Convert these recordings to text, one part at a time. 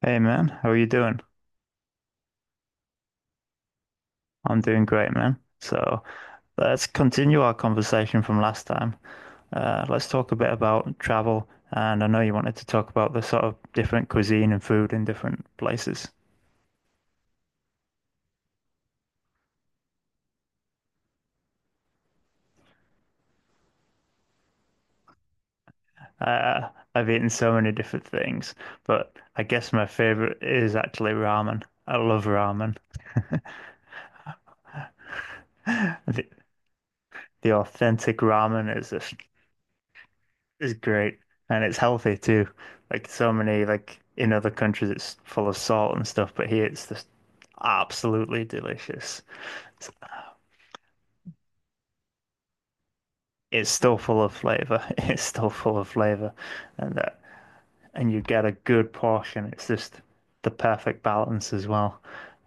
Hey man, how are you doing? I'm doing great, man. So let's continue our conversation from last time. Let's talk a bit about travel, and I know you wanted to talk about the sort of different cuisine and food in different places. Uh, I've eaten so many different things, but I guess my favorite is actually ramen. I love ramen. The, the authentic ramen is just it's great and it's healthy too. Like so many like in other countries it's full of salt and stuff, but here it's just absolutely delicious. It's, it's still full of flavor. It's still full of flavor and that and you get a good portion. It's just the perfect balance as well.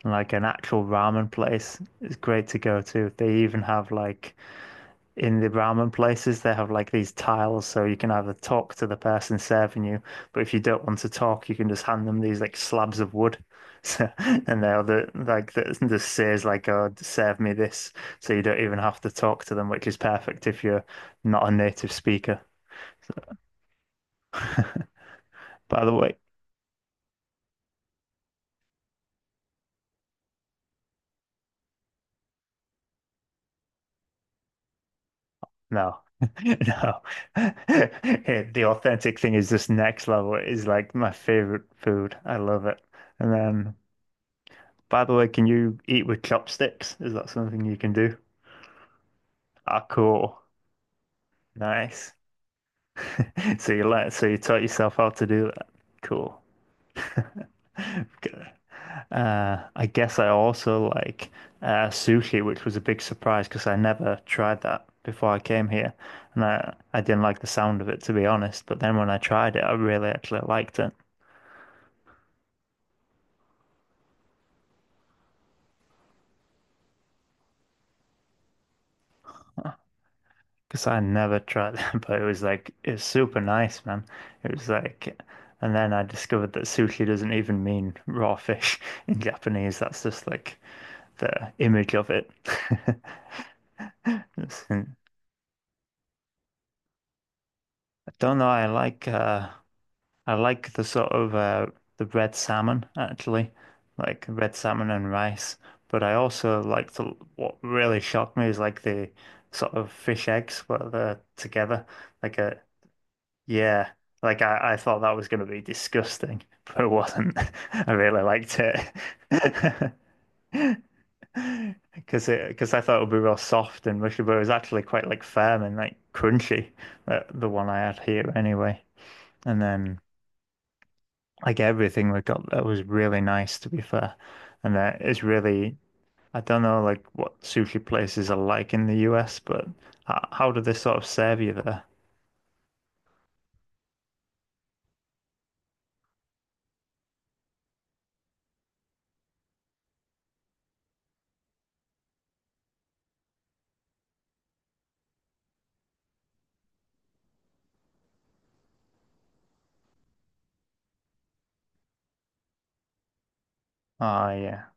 And like an actual ramen place is great to go to. They even have like in the ramen places, they have like these tiles, so you can either talk to the person serving you, but if you don't want to talk, you can just hand them these like slabs of wood. So, and like that just says like, "Oh, serve me this," so you don't even have to talk to them, which is perfect if you're not a native speaker. By the way, no. No, the authentic thing is just next level. It is like my favorite food. I love it. And then, by the way, can you eat with chopsticks? Is that something you can do? Ah, cool. Nice. So you learned, so you taught yourself how to do that. Cool. Good. I guess I also like sushi, which was a big surprise because I never tried that before I came here, and I didn't like the sound of it to be honest. But then when I tried it, I really actually liked it because I never tried it, but it was like it was super nice, man. It was like. And then I discovered that sushi doesn't even mean raw fish in Japanese. That's just like the image of it. Listen, I don't know. I like the sort of the red salmon actually, like red salmon and rice. But I also like the what really shocked me is like the sort of fish eggs where they're together. Like a yeah, like I thought that was gonna be disgusting, but it wasn't. I really liked it. Because I thought it would be real soft and mushy, but it was actually quite like firm and like crunchy, the one I had here anyway. And then like everything we got that was really nice to be fair. And it's really, I don't know like what sushi places are like in the US, but how do they sort of serve you there? Oh yeah.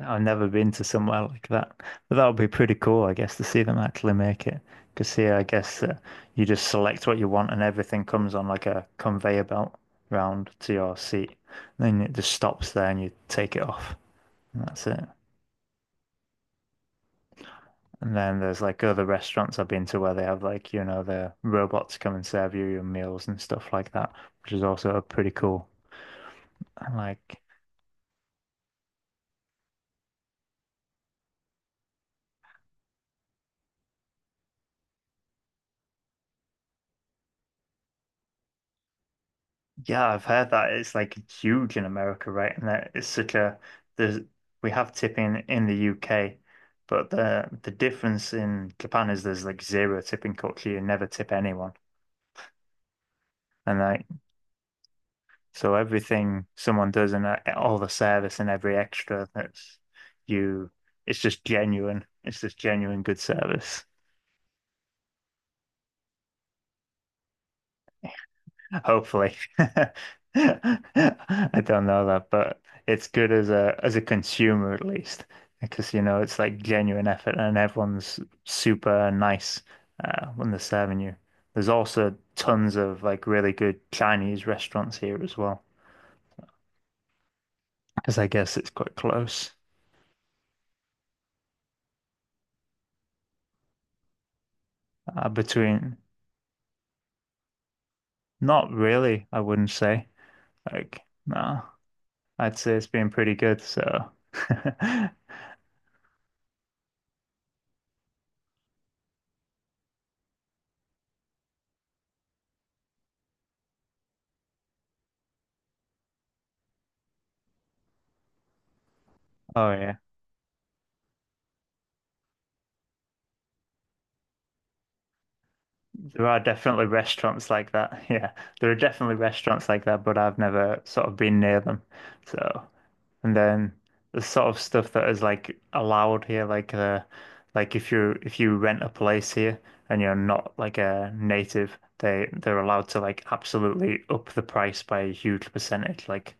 I've never been to somewhere like that, but that would be pretty cool, I guess, to see them actually make it. Because here, I guess you just select what you want, and everything comes on like a conveyor belt round to your seat. Then it just stops there, and you take it off, and that's it. And then there's like other restaurants I've been to where they have like you know the robots come and serve you your meals and stuff like that, which is also pretty cool. And like yeah, I've heard that it's like huge in America, right? And that it's such a there's we have tipping in the UK, but the difference in Japan is there's like zero tipping culture. You never tip anyone, and like so everything someone does and all the service and every extra that's you, it's just genuine. It's just genuine good service. Hopefully. I don't know that, but it's good as a consumer at least, because you know it's like genuine effort and everyone's super nice when they're serving you. There's also tons of like really good Chinese restaurants here as well, because I guess it's quite close between. Not really, I wouldn't say. Like, no, I'd say it's been pretty good. So, oh yeah. There are definitely restaurants like that. Yeah, there are definitely restaurants like that, but I've never sort of been near them. So, and then the sort of stuff that is like allowed here, like if you rent a place here and you're not like a native, they're allowed to like absolutely up the price by a huge percentage, like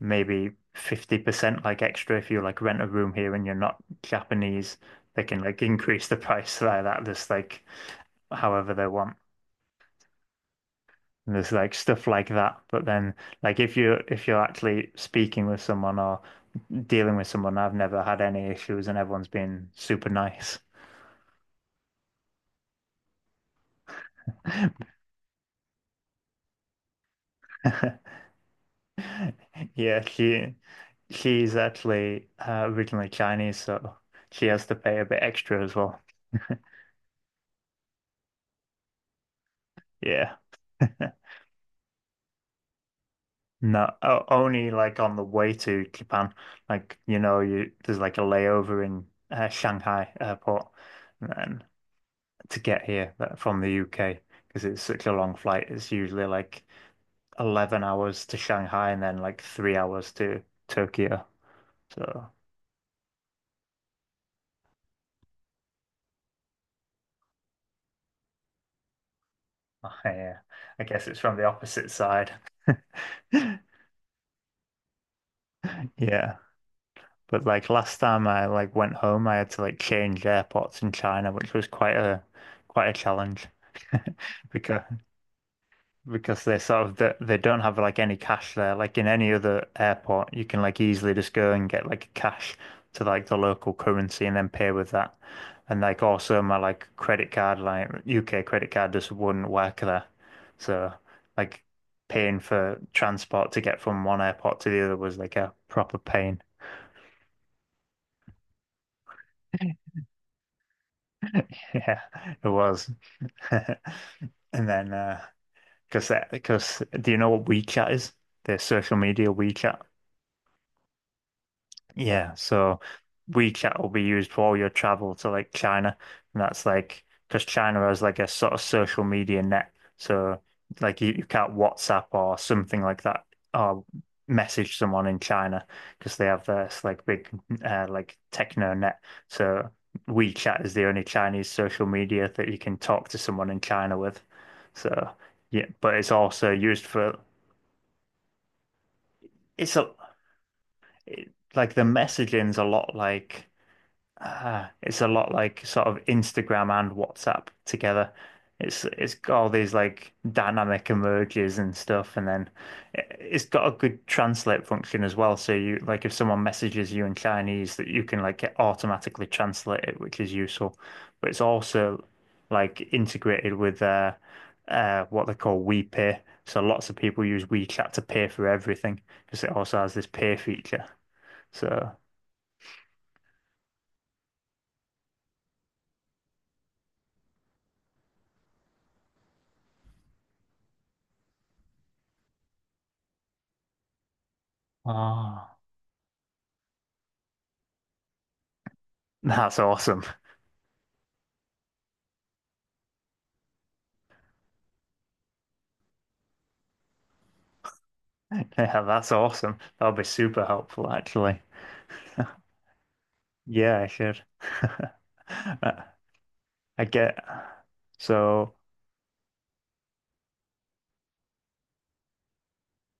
maybe 50% like extra if you like rent a room here and you're not Japanese, they can like increase the price like that, just like however they want. And there's like stuff like that. But then like if you're actually speaking with someone or dealing with someone, I've never had any issues and everyone's been super nice. Yeah, she's actually originally Chinese, so she has to pay a bit extra as well. Yeah. No, only like on the way to Japan. Like, you know, you there's like a layover in Shanghai airport, and to get here from the UK because it's such a long flight. It's usually like 11 hours to Shanghai and then like 3 hours to Tokyo. So yeah, I guess it's from the opposite side. Yeah. But like last time I like went home, I had to like change airports in China, which was quite a challenge because they sort of they don't have like any cash there. Like in any other airport, you can like easily just go and get like cash to like the local currency and then pay with that. And like also my like credit card, like UK credit card just wouldn't work there. So like paying for transport to get from one airport to the other was like a proper pain. Yeah, it was. And then because do you know what WeChat is? The social media WeChat. Yeah, so WeChat will be used for all your travel to like China, and that's like because China has like a sort of social media net, so like you can't WhatsApp or something like that or message someone in China because they have this like big like techno net. So WeChat is the only Chinese social media that you can talk to someone in China with. So yeah, but it's also used for it's a it, like the messaging's a lot like. Ah, it's a lot like sort of Instagram and WhatsApp together. It's got all these like dynamic emojis and stuff, and then it's got a good translate function as well. So you like if someone messages you in Chinese, that you can like automatically translate it, which is useful. But it's also like integrated with what they call WePay. So lots of people use WeChat to pay for everything because it also has this pay feature. So. Ah, that's awesome. Yeah, that's awesome. That'll be super helpful, actually. Yeah, I should. I I get so.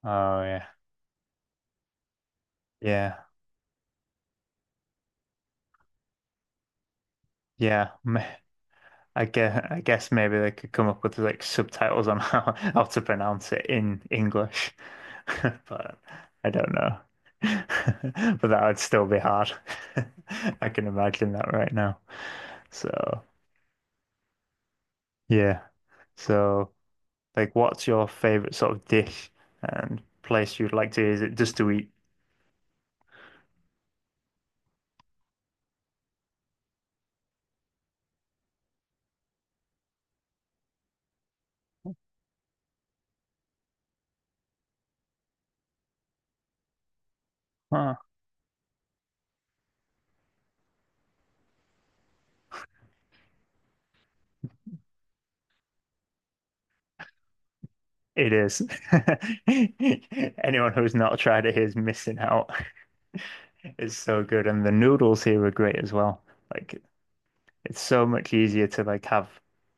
Oh yeah, yeah, yeah. m- I guess maybe they could come up with like subtitles on how to pronounce it in English, but I don't know. But that would still be hard. I can imagine that right now. So yeah, so. Like, what's your favorite sort of dish and place you'd like to visit just to eat? Huh. It is. Anyone who's not tried it is missing out. It's so good, and the noodles here are great as well. Like, it's so much easier to like have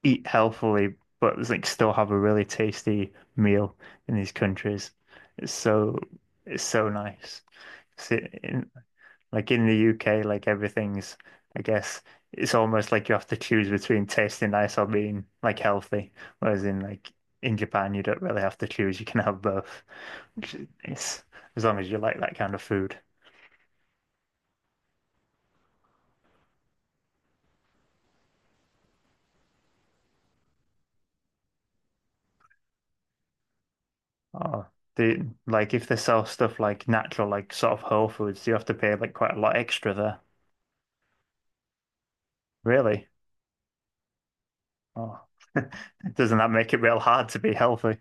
eat healthily, but like still have a really tasty meal in these countries. It's so it's so nice. See, like in the UK, like everything's, I guess, it's almost like you have to choose between tasting nice or being like healthy. Whereas in like in Japan, you don't really have to choose. You can have both, which is nice, as long as you like that kind of food. Oh, do like if they sell stuff like natural, like sort of whole foods, you have to pay like quite a lot extra there. Really? Oh, doesn't that make it real hard to be healthy?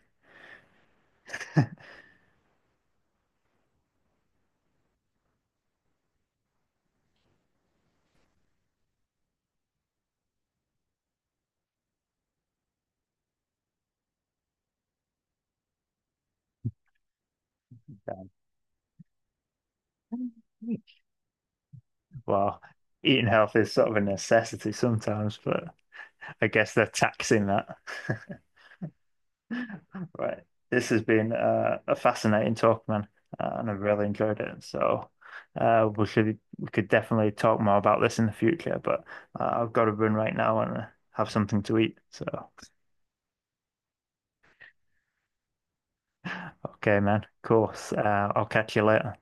Well, eating healthy is sort of a necessity sometimes, but. I guess they're taxing that. Right. This has been a fascinating talk, man, and I've really enjoyed it. So we could definitely talk more about this in the future, but I've got to run right now and have something to eat. So okay, man. Of course. I'll catch you later.